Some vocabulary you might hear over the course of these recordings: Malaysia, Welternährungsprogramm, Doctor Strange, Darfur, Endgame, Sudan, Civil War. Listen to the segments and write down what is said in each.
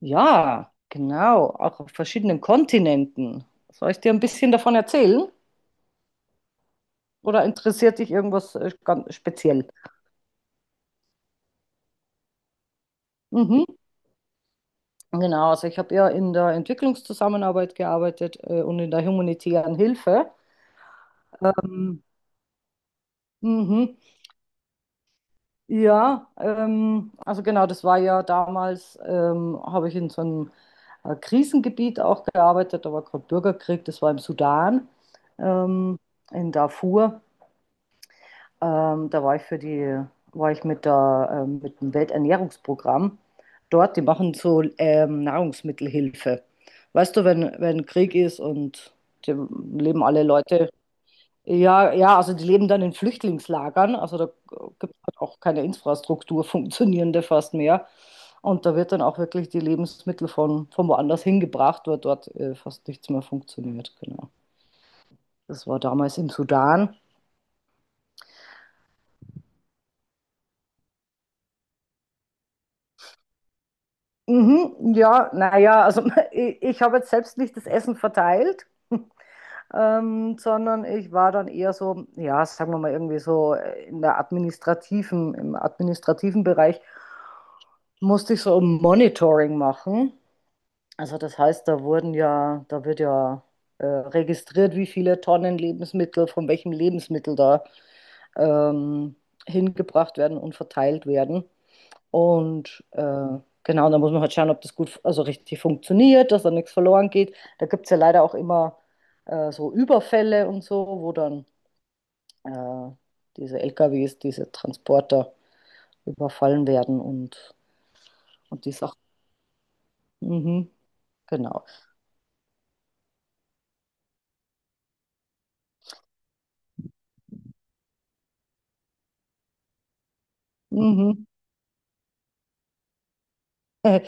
Ja, genau, auch auf verschiedenen Kontinenten. Soll ich dir ein bisschen davon erzählen? Oder interessiert dich irgendwas ganz speziell? Mhm. Genau, also ich habe ja in der Entwicklungszusammenarbeit gearbeitet und in der humanitären Hilfe. Ähm, mhm. Ja, also genau, das war ja damals, habe ich in so einem Krisengebiet auch gearbeitet. Da war gerade Bürgerkrieg, das war im Sudan, ähm, in Darfur. Da war ich für die, war ich mit dem Welternährungsprogramm dort. Die machen so Nahrungsmittelhilfe. Weißt du, wenn Krieg ist und die leben alle Leute, ja, ja, also die leben dann in Flüchtlingslagern. Also da gibt es halt auch keine Infrastruktur, funktionierende fast mehr. Und da wird dann auch wirklich die Lebensmittel von woanders hingebracht, weil dort fast nichts mehr funktioniert. Genau. Das war damals im Sudan. Mhm, ja, naja, also ich habe jetzt selbst nicht das Essen verteilt, sondern ich war dann eher so, ja, sagen wir mal irgendwie so in der administrativen Bereich musste ich so ein Monitoring machen. Also das heißt, da wird ja registriert, wie viele Tonnen Lebensmittel von welchem Lebensmittel da ähm, hingebracht werden und verteilt werden. Und genau, da muss man halt schauen, ob das gut, also richtig funktioniert, dass da nichts verloren geht. Da gibt es ja leider auch immer so Überfälle und so, wo dann äh, diese LKWs, diese Transporter überfallen werden und die Sachen. Mhm, genau. Mhm. Äh,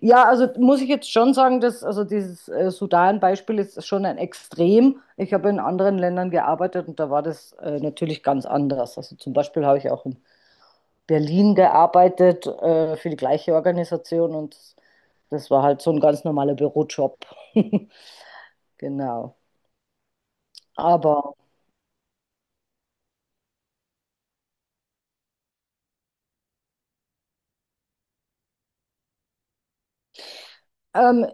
Ja, also muss ich jetzt schon sagen, dass also dieses Sudan-Beispiel ist schon ein Extrem. Ich habe in anderen Ländern gearbeitet und da war das natürlich ganz anders. Also zum Beispiel habe ich auch in Berlin gearbeitet für die gleiche Organisation und das war halt so ein ganz normaler Bürojob. Genau. Aber ähm,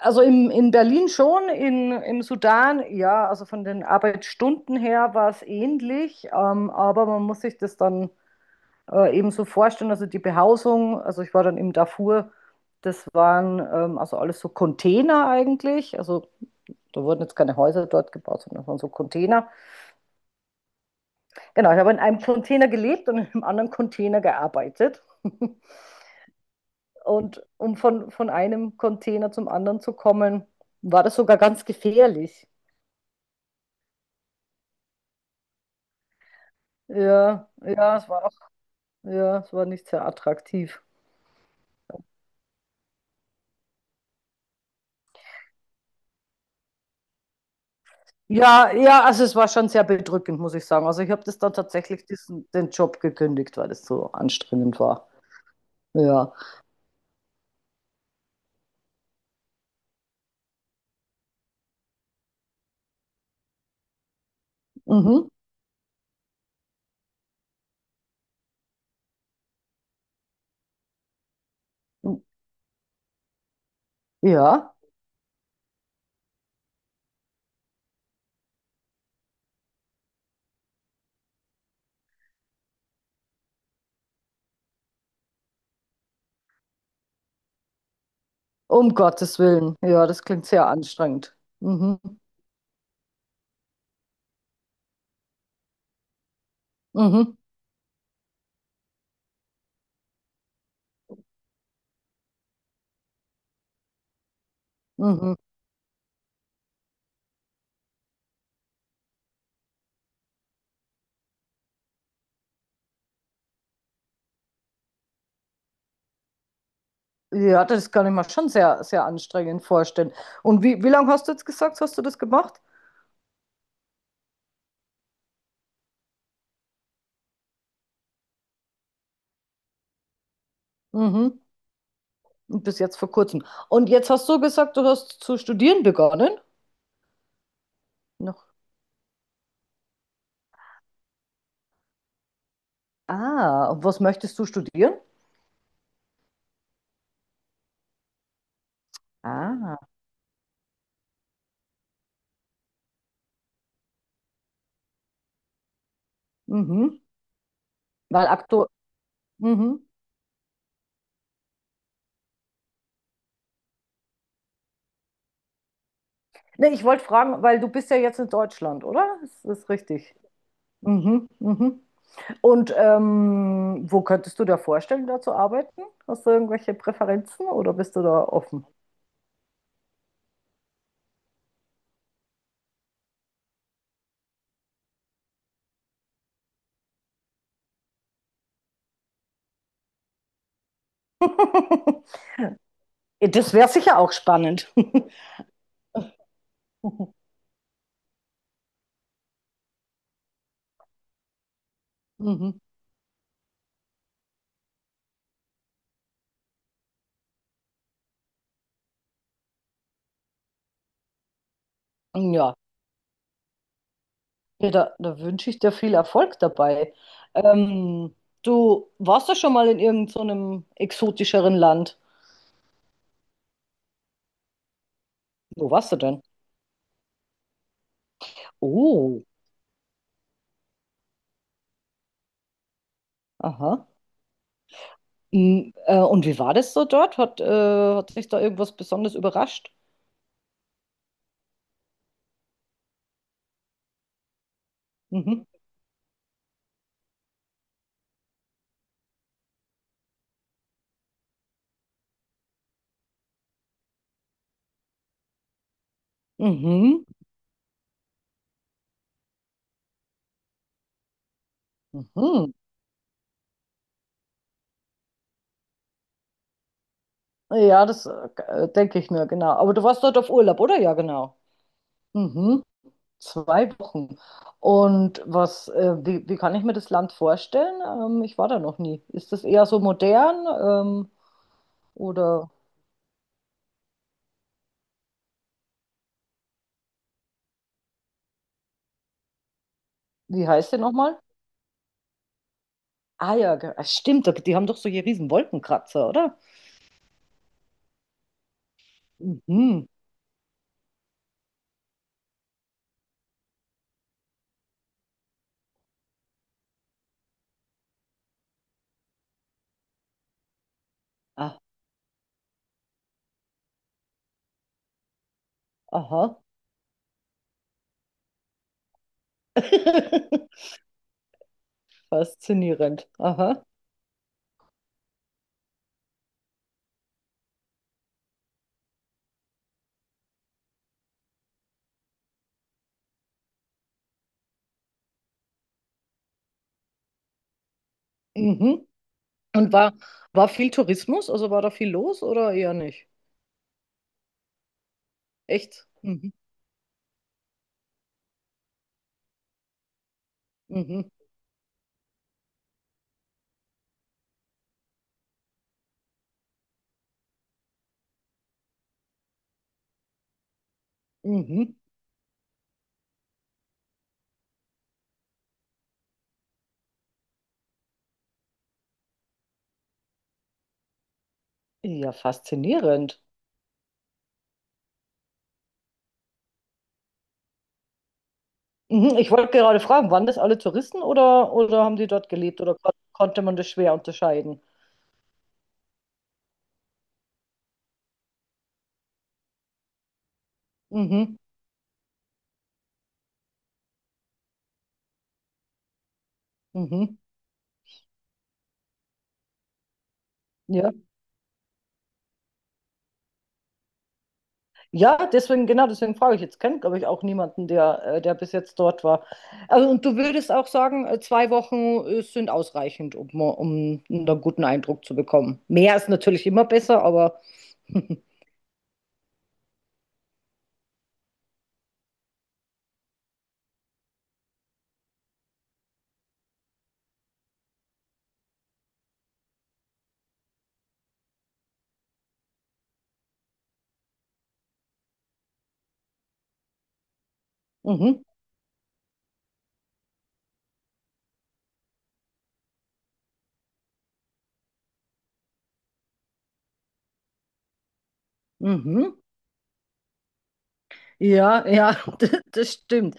also in Berlin schon, im Sudan, ja, also von den Arbeitsstunden her war es ähnlich, aber man muss sich das dann eben so vorstellen, also die Behausung, also ich war dann im Darfur, das waren also alles so Container eigentlich, also da wurden jetzt keine Häuser dort gebaut, sondern das waren so Container. Genau, ich habe in einem Container gelebt und in einem anderen Container gearbeitet. Und um von einem Container zum anderen zu kommen, war das sogar ganz gefährlich. Ja, ja, es war auch, ja, es war nicht sehr attraktiv. Ja, ja, also es war schon sehr bedrückend, muss ich sagen. Also ich habe das dann tatsächlich den Job gekündigt, weil es so anstrengend war. Ja. Mhm. Ja, um Gottes Willen. Ja, das klingt sehr anstrengend. Mhm. Mhm. Mhm. Ja, das kann ich mir schon sehr, sehr anstrengend vorstellen. Und wie lange hast du jetzt gesagt, hast du das gemacht? Mhm. Und bis jetzt vor kurzem. Und jetzt hast du gesagt, du hast zu studieren begonnen? Noch. Ah, und was möchtest du studieren? Ah, mhm. Weil aktu. Mhm. Nee, ich wollte fragen, weil du bist ja jetzt in Deutschland, oder? Ist das richtig? Mhm, mhm. Und wo könntest du dir vorstellen, da zu arbeiten? Hast du irgendwelche Präferenzen oder bist du da offen? Das wäre sicher auch spannend. Mhm. Ja, ja, da wünsche ich dir viel Erfolg dabei. Ähm, du warst doch schon mal in irgendeinem so einem exotischeren Land. Wo warst du denn? Oh, aha. Mm, und wie war das so dort? Hat, hat sich da irgendwas Besonderes überrascht? Mhm. Mhm. Mhm. Ja, das denke ich mir, genau. Aber du warst dort auf Urlaub, oder? Ja, genau. Mhm. Zwei Wochen. Und was, wie kann ich mir das Land vorstellen? Ich war da noch nie. Ist das eher so modern? Ähm, oder wie heißt der nochmal? Ah ja, ge- ah, stimmt, da- die haben doch solche riesen Wolkenkratzer, oder? Mhm. Ah, aha. Faszinierend. Aha. Mhm. Und war, war viel Tourismus? Also war da viel los oder eher nicht? Echt? Mhm. Mhm. Mhm. Ja, faszinierend. Mhm. Ich wollte gerade fragen, waren das alle Touristen oder haben die dort gelebt oder konnte man das schwer unterscheiden? Mhm, mhm, ja. Ja, deswegen, genau, deswegen frage ich jetzt. Kennt, glaube ich, auch niemanden, der bis jetzt dort war. Also, und du würdest auch sagen, zwei Wochen sind ausreichend, um, um einen guten Eindruck zu bekommen. Mehr ist natürlich immer besser, aber mhm, mhm. Ja, ja, das stimmt.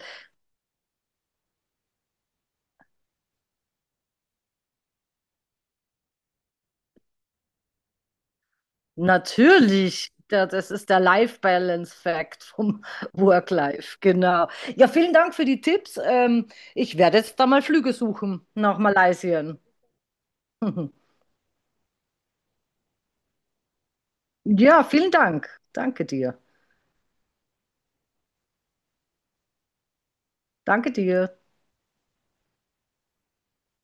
Natürlich, da- das ist der Life Balance Fact vom Work Life, genau. Ja, vielen Dank für die Tipps. Ich werde jetzt da mal Flüge suchen nach Malaysia. Ja, vielen Dank. Danke dir. Danke dir.